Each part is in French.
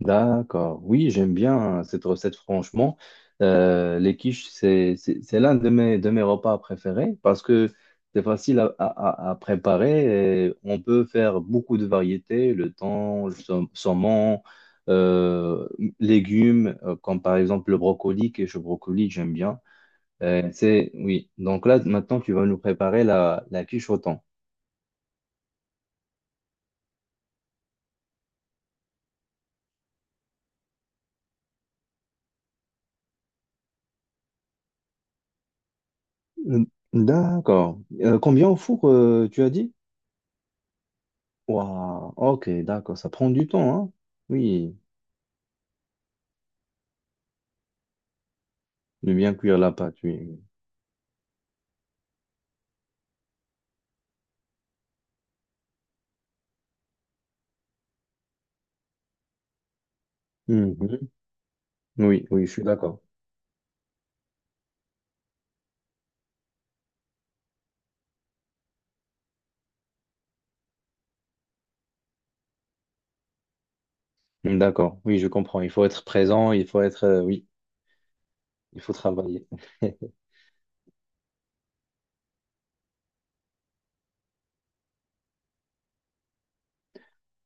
D'accord. Oui, j'aime bien cette recette, franchement. Les quiches, c'est l'un de mes repas préférés parce que c'est facile à préparer et on peut faire beaucoup de variétés, le thon, le saumon, euh, légumes, comme par exemple le brocoli, quiche au brocoli, j'aime bien. Oui. Donc là, maintenant, tu vas nous préparer la quiche au thon. D'accord. Combien au four, tu as dit? Waouh, ok, d'accord, ça prend du temps, hein? Oui, de bien cuire la pâte, oui. Mhm. Oui, oui, je suis d'accord. D'accord, oui, je comprends. Il faut être présent, il faut être, oui, il faut travailler.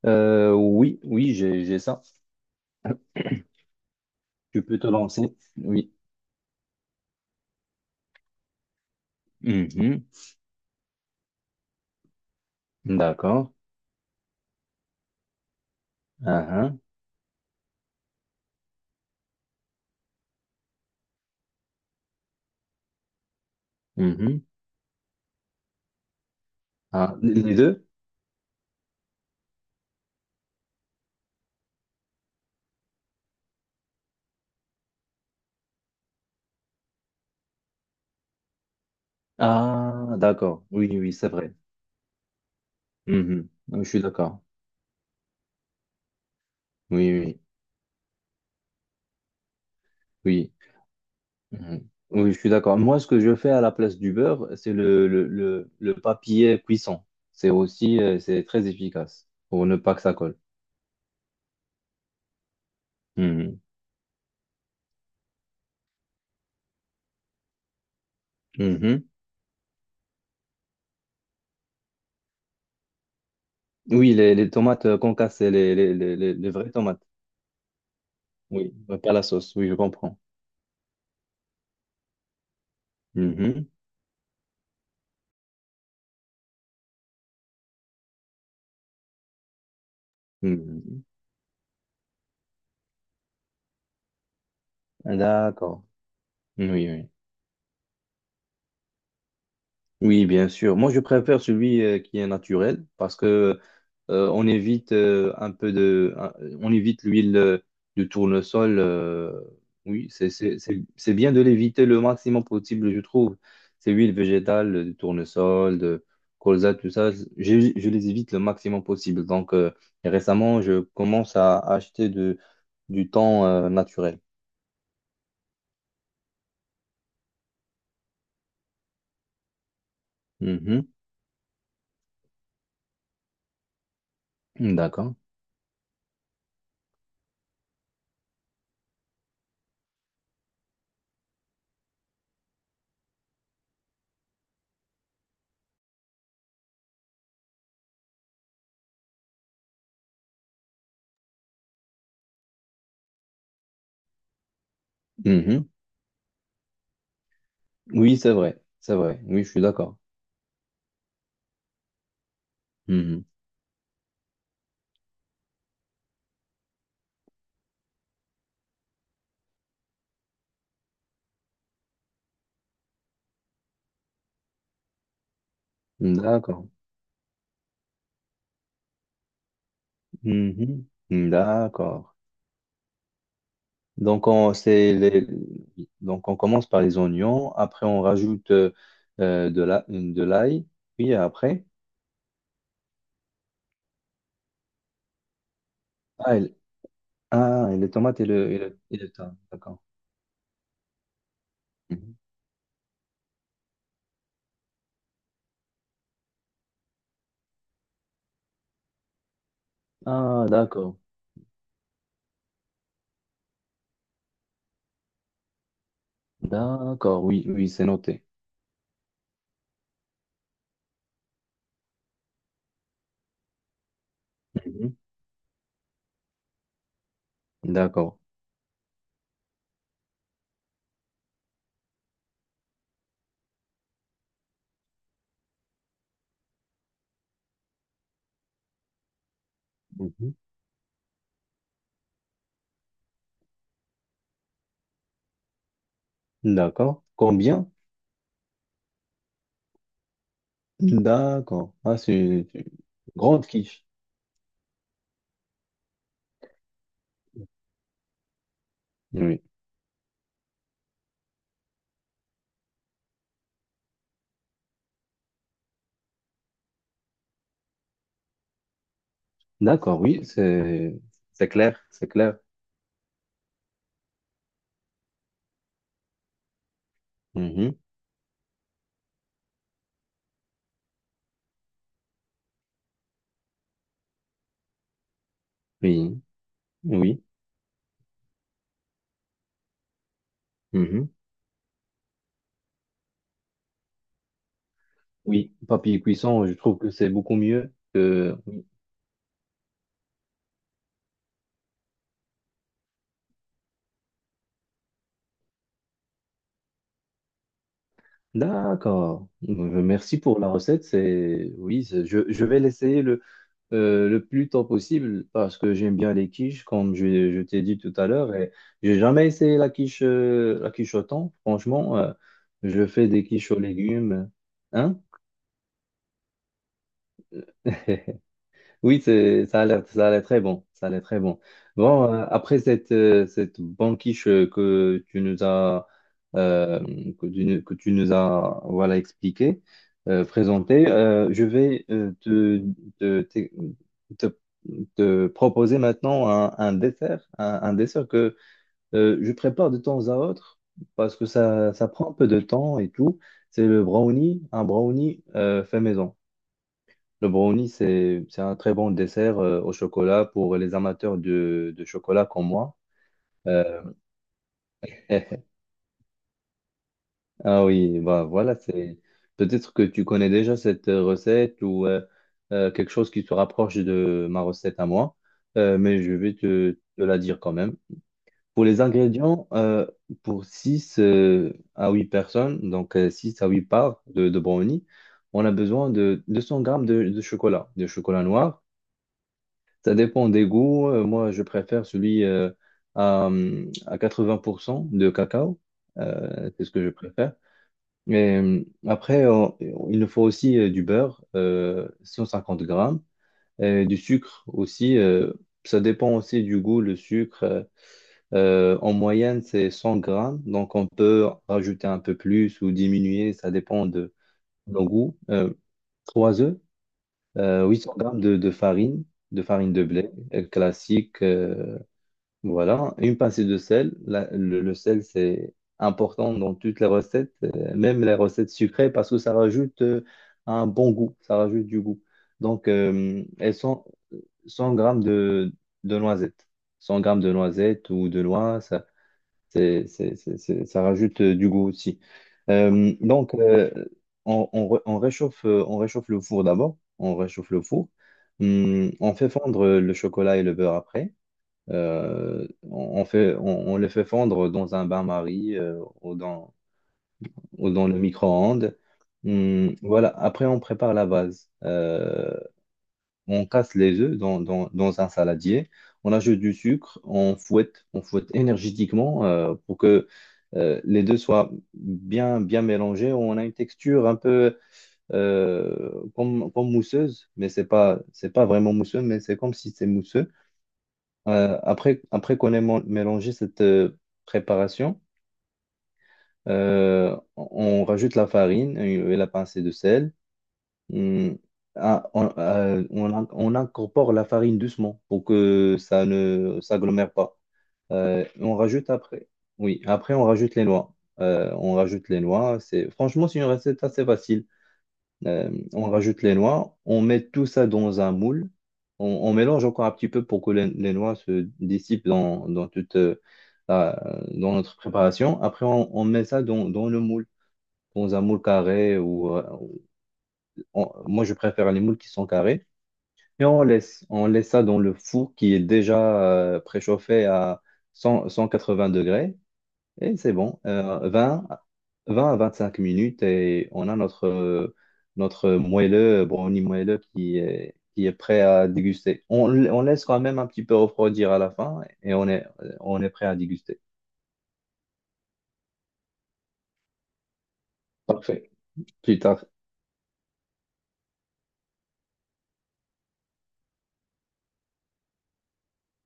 Oui, oui, j'ai ça. Tu peux te lancer. Oui. Mhm. D'accord. Ah, ah. Mhm. Ah, les deux? Ah, d'accord. Oui, oui, c'est vrai. Mhm. Oui, je suis d'accord. Oui, oui, oui. Mhm. Oui, je suis d'accord. Moi, ce que je fais à la place du beurre, c'est le papier cuisson. C'est très efficace pour ne pas que ça colle. Mhm. Mhm. Oui, les tomates qu'on casse, c'est les vraies tomates. Oui, pas la sauce. Oui, je comprends. Mhm. Mhm. D'accord. Oui, oui. Oui, bien sûr. Moi, je préfère celui qui est naturel parce que on évite un peu de, un- on évite l'huile du tournesol. Oui, c'est bien de l'éviter le maximum possible, je trouve. Ces huiles végétales, du tournesol, de colza, tout ça, je les évite le maximum possible. Donc, et récemment, je commence à acheter du thon naturel. Mhm. D'accord. Mhm. Oui, c'est vrai, c'est vrai. Oui, je suis d'accord. D'accord. Mhm. D'accord. Donc on, c'est les. Donc on commence par les oignons, après on rajoute de l'ail, puis après, ah, et, ah, et les tomates et le thym. D'accord. Mhm. Ah, d'accord. D'accord, oui, oui, c'est noté. Mhm. D'accord. Mhm. D'accord. Combien? D'accord. Ah, c'est une grande quiche. Oui. D'accord, oui, c'est clair, c'est clair. Mhm. Oui. Oui, mhm, oui, papier cuisson, je trouve que c'est beaucoup mieux que, oui. D'accord. Merci pour la recette. Oui, je vais l'essayer le plus tôt possible parce que j'aime bien les quiches, comme je t'ai dit tout à l'heure. Et j'ai jamais essayé la quiche au thon. Franchement, je fais des quiches aux légumes. Hein? Oui, ça a l'air très bon. Ça a l'air très bon. Bon, après cette banquiche que tu nous as, euh, voilà, expliqué, présenté, je vais te, te, te- te proposer maintenant un dessert, un dessert que je prépare de temps à autre parce que ça prend un peu de temps et tout. C'est le brownie, un brownie fait maison. Le brownie, c'est un très bon dessert au chocolat pour les amateurs de chocolat comme moi. Euh, ah oui, bah voilà, c'est peut-être que tu connais déjà cette recette ou quelque chose qui se rapproche de ma recette à moi. Mais je vais te la dire quand même. Pour les ingrédients, pour 6 à 8 personnes, donc six à 8 parts de brownie, on a besoin de 200 grammes de chocolat, de chocolat noir. Ça dépend des goûts. Moi je préfère celui à 80% de cacao. C'est ce que je préfère. Et après, il nous faut aussi du beurre, 150 grammes, et du sucre aussi. Ça dépend aussi du goût, le sucre. En moyenne, c'est 100 grammes. Donc, on peut rajouter un peu plus ou diminuer. Ça dépend de nos goûts. 3 œufs, 800 grammes de farine, de farine de blé classique. Voilà, une pincée de sel. Le sel, c'est important dans toutes les recettes, même les recettes sucrées, parce que ça rajoute un bon goût, ça rajoute du goût. Donc, elles sont 100 grammes de noisettes. 100 grammes de noisettes ou de noix, ça, c'est- ça rajoute du goût aussi. Donc, on réchauffe le four d'abord. On réchauffe le four. On fait fondre le chocolat et le beurre après. On les fait fondre dans un bain-marie ou dans le micro-ondes. Voilà, après on prépare la base. On casse les œufs dans un saladier, on ajoute du sucre, on fouette énergétiquement pour que les deux soient bien, bien mélangés. On a une texture un peu comme mousseuse, mais c'est pas vraiment mousseux, mais c'est comme si c'est mousseux. Après qu'on ait mélangé cette préparation, euh, on on rajoute la farine et la pincée de sel. Hum, ah, on incorpore la farine doucement pour que ça ne s'agglomère pas. On rajoute après. Oui, après on rajoute les noix. On rajoute les noix. C'est franchement c'est une recette assez facile. On rajoute les noix, on met tout ça dans un moule, on mélange encore un petit peu pour que les noix se dissipent dans notre préparation. Après, on met ça dans le moule, dans un moule carré moi je préfère les moules qui sont carrés et on laisse ça dans le four qui est déjà préchauffé à cent cent quatre 180 degrés et c'est bon. 20, 20 à 25 minutes et on a notre moelleux, brownie moelleux qui est prêt à déguster. On laisse quand même un petit peu refroidir à la fin et on est prêt à déguster. Parfait. Plus tard.